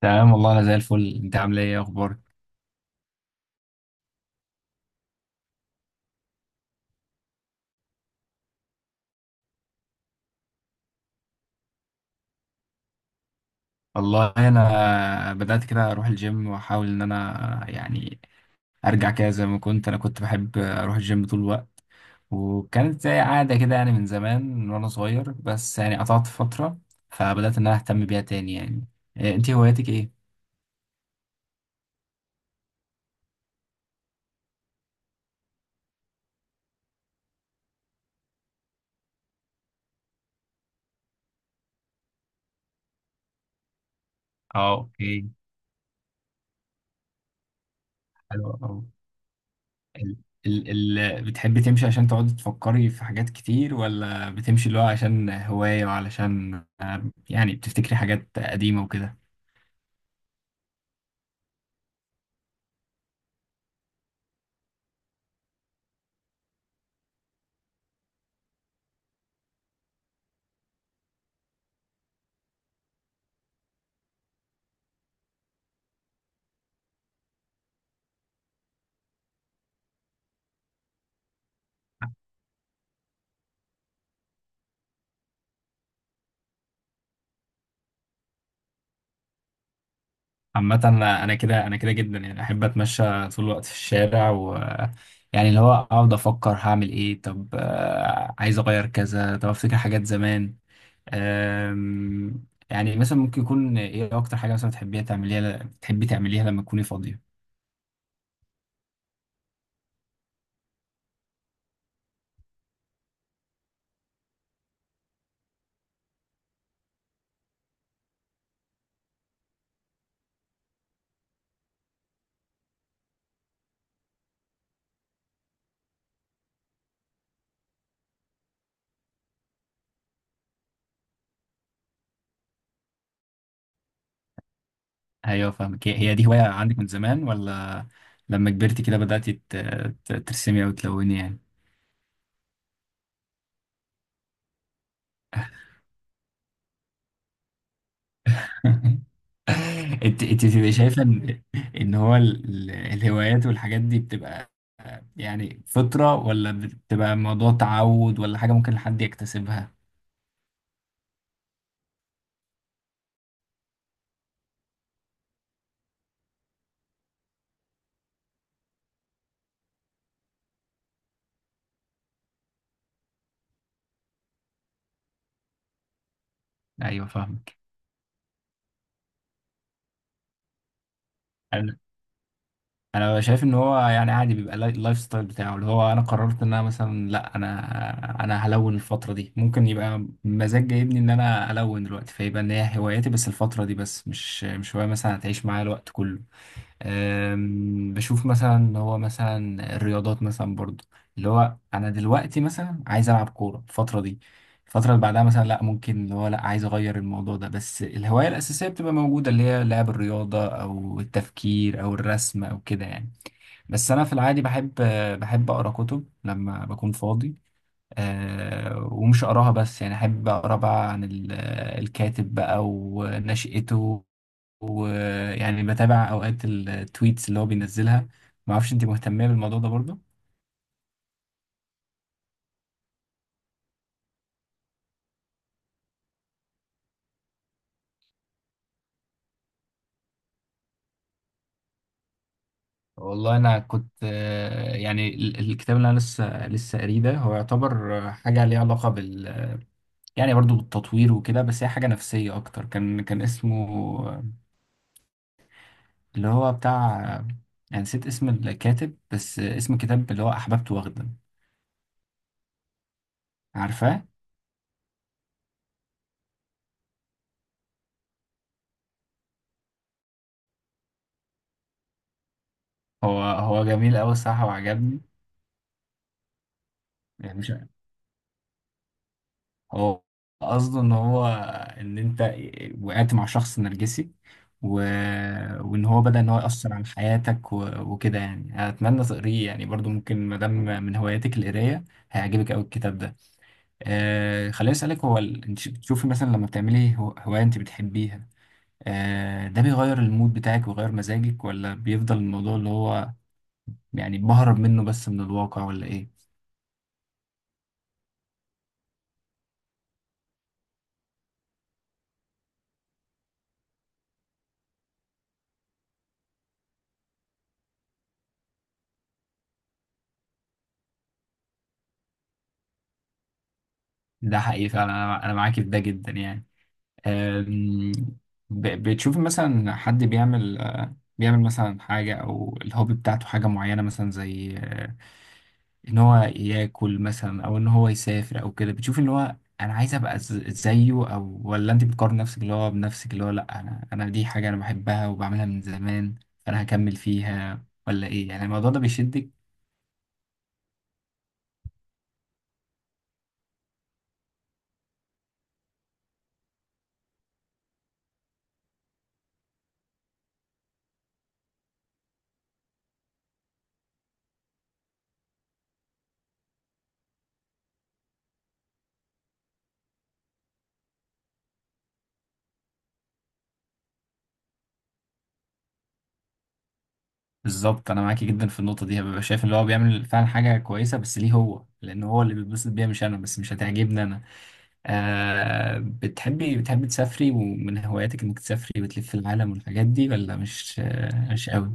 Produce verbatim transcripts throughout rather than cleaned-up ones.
تمام والله انا زي الفل. انت عامل ايه؟ إيه اخبارك؟ والله انا بدات كده اروح الجيم واحاول ان انا يعني ارجع كده زي ما كنت. انا كنت بحب اروح الجيم طول الوقت، وكانت زي عاده كده يعني من زمان من وانا صغير، بس يعني قطعت فتره، فبدات ان انا اهتم بيها تاني يعني. إيه، انت هواياتك ايه؟ اه، اوكي. حلو أوي. ال ال ال بتحبي تمشي عشان تقعدي تفكري في حاجات كتير، ولا بتمشي اللي هو عشان هواية وعلشان آه، يعني بتفتكري حاجات قديمة وكده؟ عامة أنا أنا كده، أنا كده جدا يعني، أحب أتمشى طول الوقت في الشارع و يعني اللي هو أقعد أفكر هعمل إيه، طب آه، عايز أغير كذا، طب أفتكر حاجات زمان. آم، يعني مثلا ممكن يكون إيه أكتر حاجة مثلا بتحبيها تعمليها بتحبي تعمليها لما تكوني فاضية؟ أيوه فاهمك. هي هي دي هواية عندك من زمان، ولا لما كبرتي كده بدأتي ت- ت- ترسمي أو تلوني يعني؟ انت انت بتبقي شايفه ان ان هو ال- ال- الهوايات والحاجات دي بتبقى يعني فطرة، ولا بتبقى الموضوع تعود، ولا حاجة ممكن حد يكتسبها؟ ايوه فاهمك. انا انا شايف ان هو يعني عادي، بيبقى لاي- اللايف ستايل بتاعه. اللي هو انا قررت ان انا مثلا لا، انا انا هلون الفترة دي، ممكن يبقى مزاج جايبني ان انا الون دلوقتي، فيبقى ان هي هوايتي بس الفترة دي، بس مش مش هواية مثلا هتعيش معايا الوقت كله. أم، بشوف مثلا اللي هو مثلا الرياضات مثلا برضو، اللي هو انا دلوقتي مثلا عايز العب كوره الفتره دي، الفتره اللي بعدها مثلا لا، ممكن اللي هو لا عايز اغير الموضوع ده، بس الهوايه الاساسيه بتبقى موجوده، اللي هي لعب الرياضه او التفكير او الرسم او كده يعني. بس انا في العادي بحب، بحب اقرا كتب لما بكون فاضي. أه ومش اقراها بس، يعني احب اقرا بقى عن ال- الكاتب بقى ونشأته، ويعني بتابع اوقات التويتس اللي هو بينزلها. ما اعرفش انت مهتمه بالموضوع ده برضه؟ والله انا كنت آه، يعني ال- الكتاب اللي انا لسه لسه قاريه ده، هو يعتبر آه، حاجه ليها علاقه بال يعني برضه بالتطوير وكده، بس هي حاجه نفسيه اكتر. كان كان اسمه آه، اللي هو بتاع آه، يعني نسيت اسم الكاتب، بس آه، اسم الكتاب اللي هو احببت واخده. عارفاه؟ هو هو جميل قوي الصراحه وعجبني. يعني مش، هو قصده ان هو، ان انت وقعت مع شخص نرجسي، و... وان هو بدأ ان هو يأثر على حياتك و... وكده يعني. اتمنى تقريه يعني، برضو ممكن ما دام من هواياتك القرايه هيعجبك قوي الكتاب ده. آه خليني اسالك، هو ال... انت بتشوفي مثلا لما بتعملي هو- هوايه انت بتحبيها، آه ده بيغير المود بتاعك ويغير مزاجك، ولا بيفضل الموضوع اللي هو يعني بهرب منه بس من الواقع، ولا ايه؟ ده حقيقي فعلا. انا أنا معاكي في ده جدا يعني. أم، ب- بتشوف مثلا حد بيعمل آه، بيعمل مثلا حاجة أو الهوبي بتاعته حاجة معينة مثلا زي، آه، إن هو ياكل مثلا أو إن هو يسافر أو كده، بتشوف إن هو أنا عايز أبقى ز- زيه، أو ولا أنت بتقارن نفسك اللي هو بنفسك، اللي هو لأ أنا أنا دي حاجة أنا بحبها وبعملها من زمان فأنا هكمل فيها، ولا إيه يعني الموضوع ده بيشدك؟ بالظبط، أنا معاكي جدا في النقطة دي. ببقى شايف اللي هو بيعمل فعلا حاجة كويسة، بس ليه هو؟ لأن هو اللي بيتبسط بيها مش أنا، بس مش هتعجبني أنا. آه بتحبي بتحبي تسافري ومن هواياتك انك تسافري وتلفي العالم والحاجات دي، ولا مش آه مش قوي؟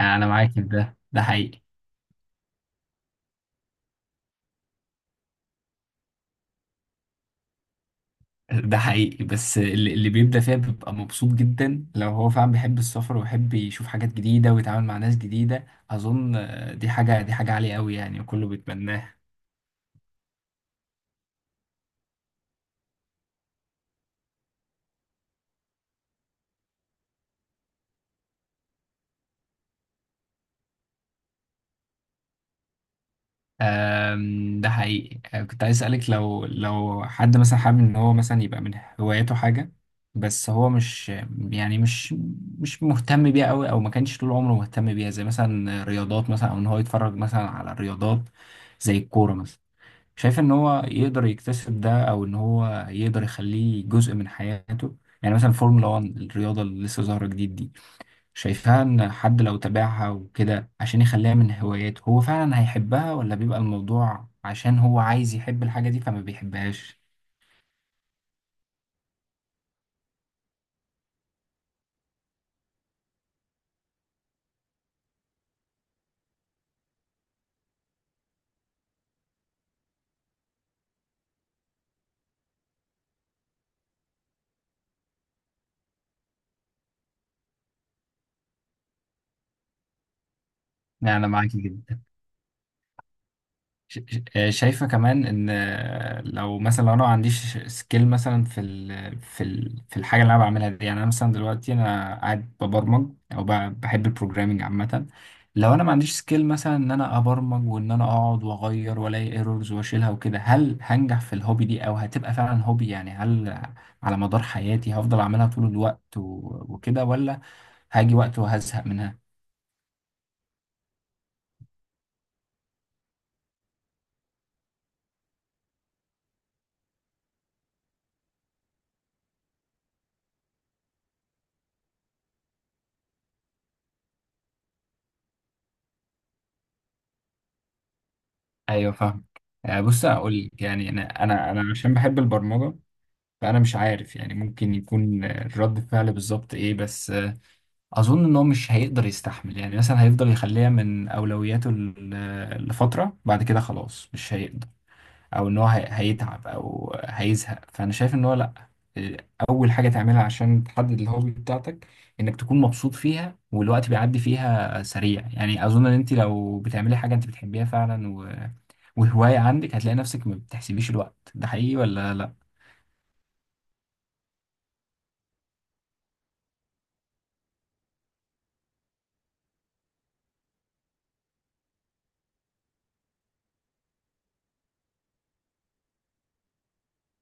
انا معاكي في ده، ده حقيقي. ده حقيقي، بس اللي اللي بيبدأ فيها بيبقى مبسوط جدا، لو هو فعلا بيحب السفر ويحب يشوف حاجات جديدة ويتعامل مع ناس جديدة. اظن آه، دي حاجة دي حاجة عالية قوي يعني، وكله بيتمناها. آم، ده حقيقي. آه، كنت عايز أسألك، لو لو حد مثلا حابب إن هو مثلا يبقى من هواياته حاجة، بس هو مش يعني مش مش مهتم بيها أوي، أو ما كانش طول عمره مهتم بيها، زي مثلا رياضات مثلا، أو إن هو يتفرج مثلا على الرياضات زي الكورة مثلا، شايف إن هو يقدر يكتسب ده، أو إن هو يقدر يخليه جزء من حياته؟ يعني مثلا فورمولا واحد الرياضة اللي لسه ظاهرة جديد دي، شايفاها ان حد لو تابعها وكده عشان يخليها من هواياته هو فعلا هيحبها، ولا بيبقى الموضوع عشان هو عايز يحب الحاجة دي فما بيحبهاش؟ يعني انا معاكي جدا. ش- ش- آه، شايفة كمان ان لو مثلا، لو انا ما عنديش سكيل مثلا في ال في ال في الحاجة اللي انا بعملها دي. يعني انا مثلا دلوقتي انا قاعد ببرمج، او ب- بحب البروجرامينج عامة، لو انا ما عنديش سكيل مثلا ان انا ابرمج وان انا اقعد واغير والاقي ايرورز واشيلها وكده، هل هنجح في الهوبي دي او هتبقى فعلا هوبي؟ يعني هل على مدار حياتي هفضل اعملها طول الوقت و- وكده، ولا هاجي وقت وهزهق منها؟ ايوه فاهم. آه، بص اقول لك يعني، انا انا انا عشان بحب البرمجه فأنا مش عارف يعني ممكن يكون رد فعل بالظبط إيه، بس أظن إن هو مش هيقدر يستحمل يعني، مثلا هيفضل يخليها من أولوياته ل- لفترة، بعد كده خلاص مش هيقدر، أو إن هو هي- هيتعب أو هيزهق. فأنا شايف إن هو لأ، أول حاجة تعملها عشان تحدد الهوبي بتاعتك إنك تكون مبسوط فيها والوقت بيعدي فيها سريع. يعني أظن إن أنت لو بتعملي حاجة أنت بتحبيها فعلا و... وهواية عندك هتلاقي نفسك ما بتحسبيش الوقت. ده حقيقي ولا لأ؟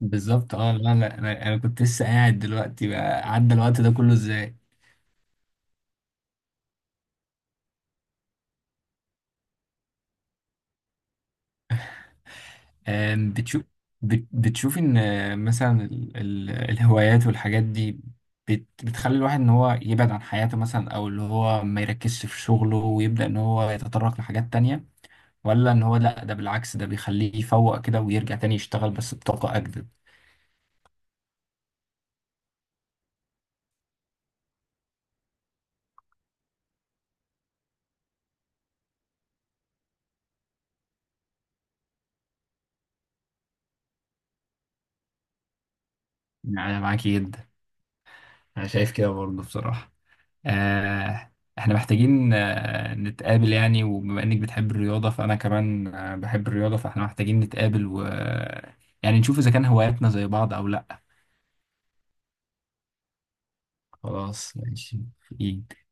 بالظبط. اه لا لا انا أنا كنت لسه قاعد دلوقتي بقى، عدى الوقت ده كله ازاي! آم، بتشوف، بت- بتشوف ان آه، مثلا ال- ال- الهوايات والحاجات دي بت- بتخلي الواحد ان هو يبعد عن حياته مثلا، او اللي هو ما يركزش في شغله ويبدأ ان هو يتطرق لحاجات تانية، ولا ان هو لا ده بالعكس ده بيخليه يفوق كده ويرجع تاني يشتغل بس بطاقة اجدد؟ يعني أنا معاكي جدا، انا شايف كده برضه بصراحة. آه، احنا محتاجين آه، نتقابل يعني، وبما انك بتحب الرياضة فانا كمان آه، بحب الرياضة، فاحنا محتاجين نتقابل و آه، يعني نشوف اذا كان هواياتنا زي بعض او لا. خلاص ماشي. ايه؟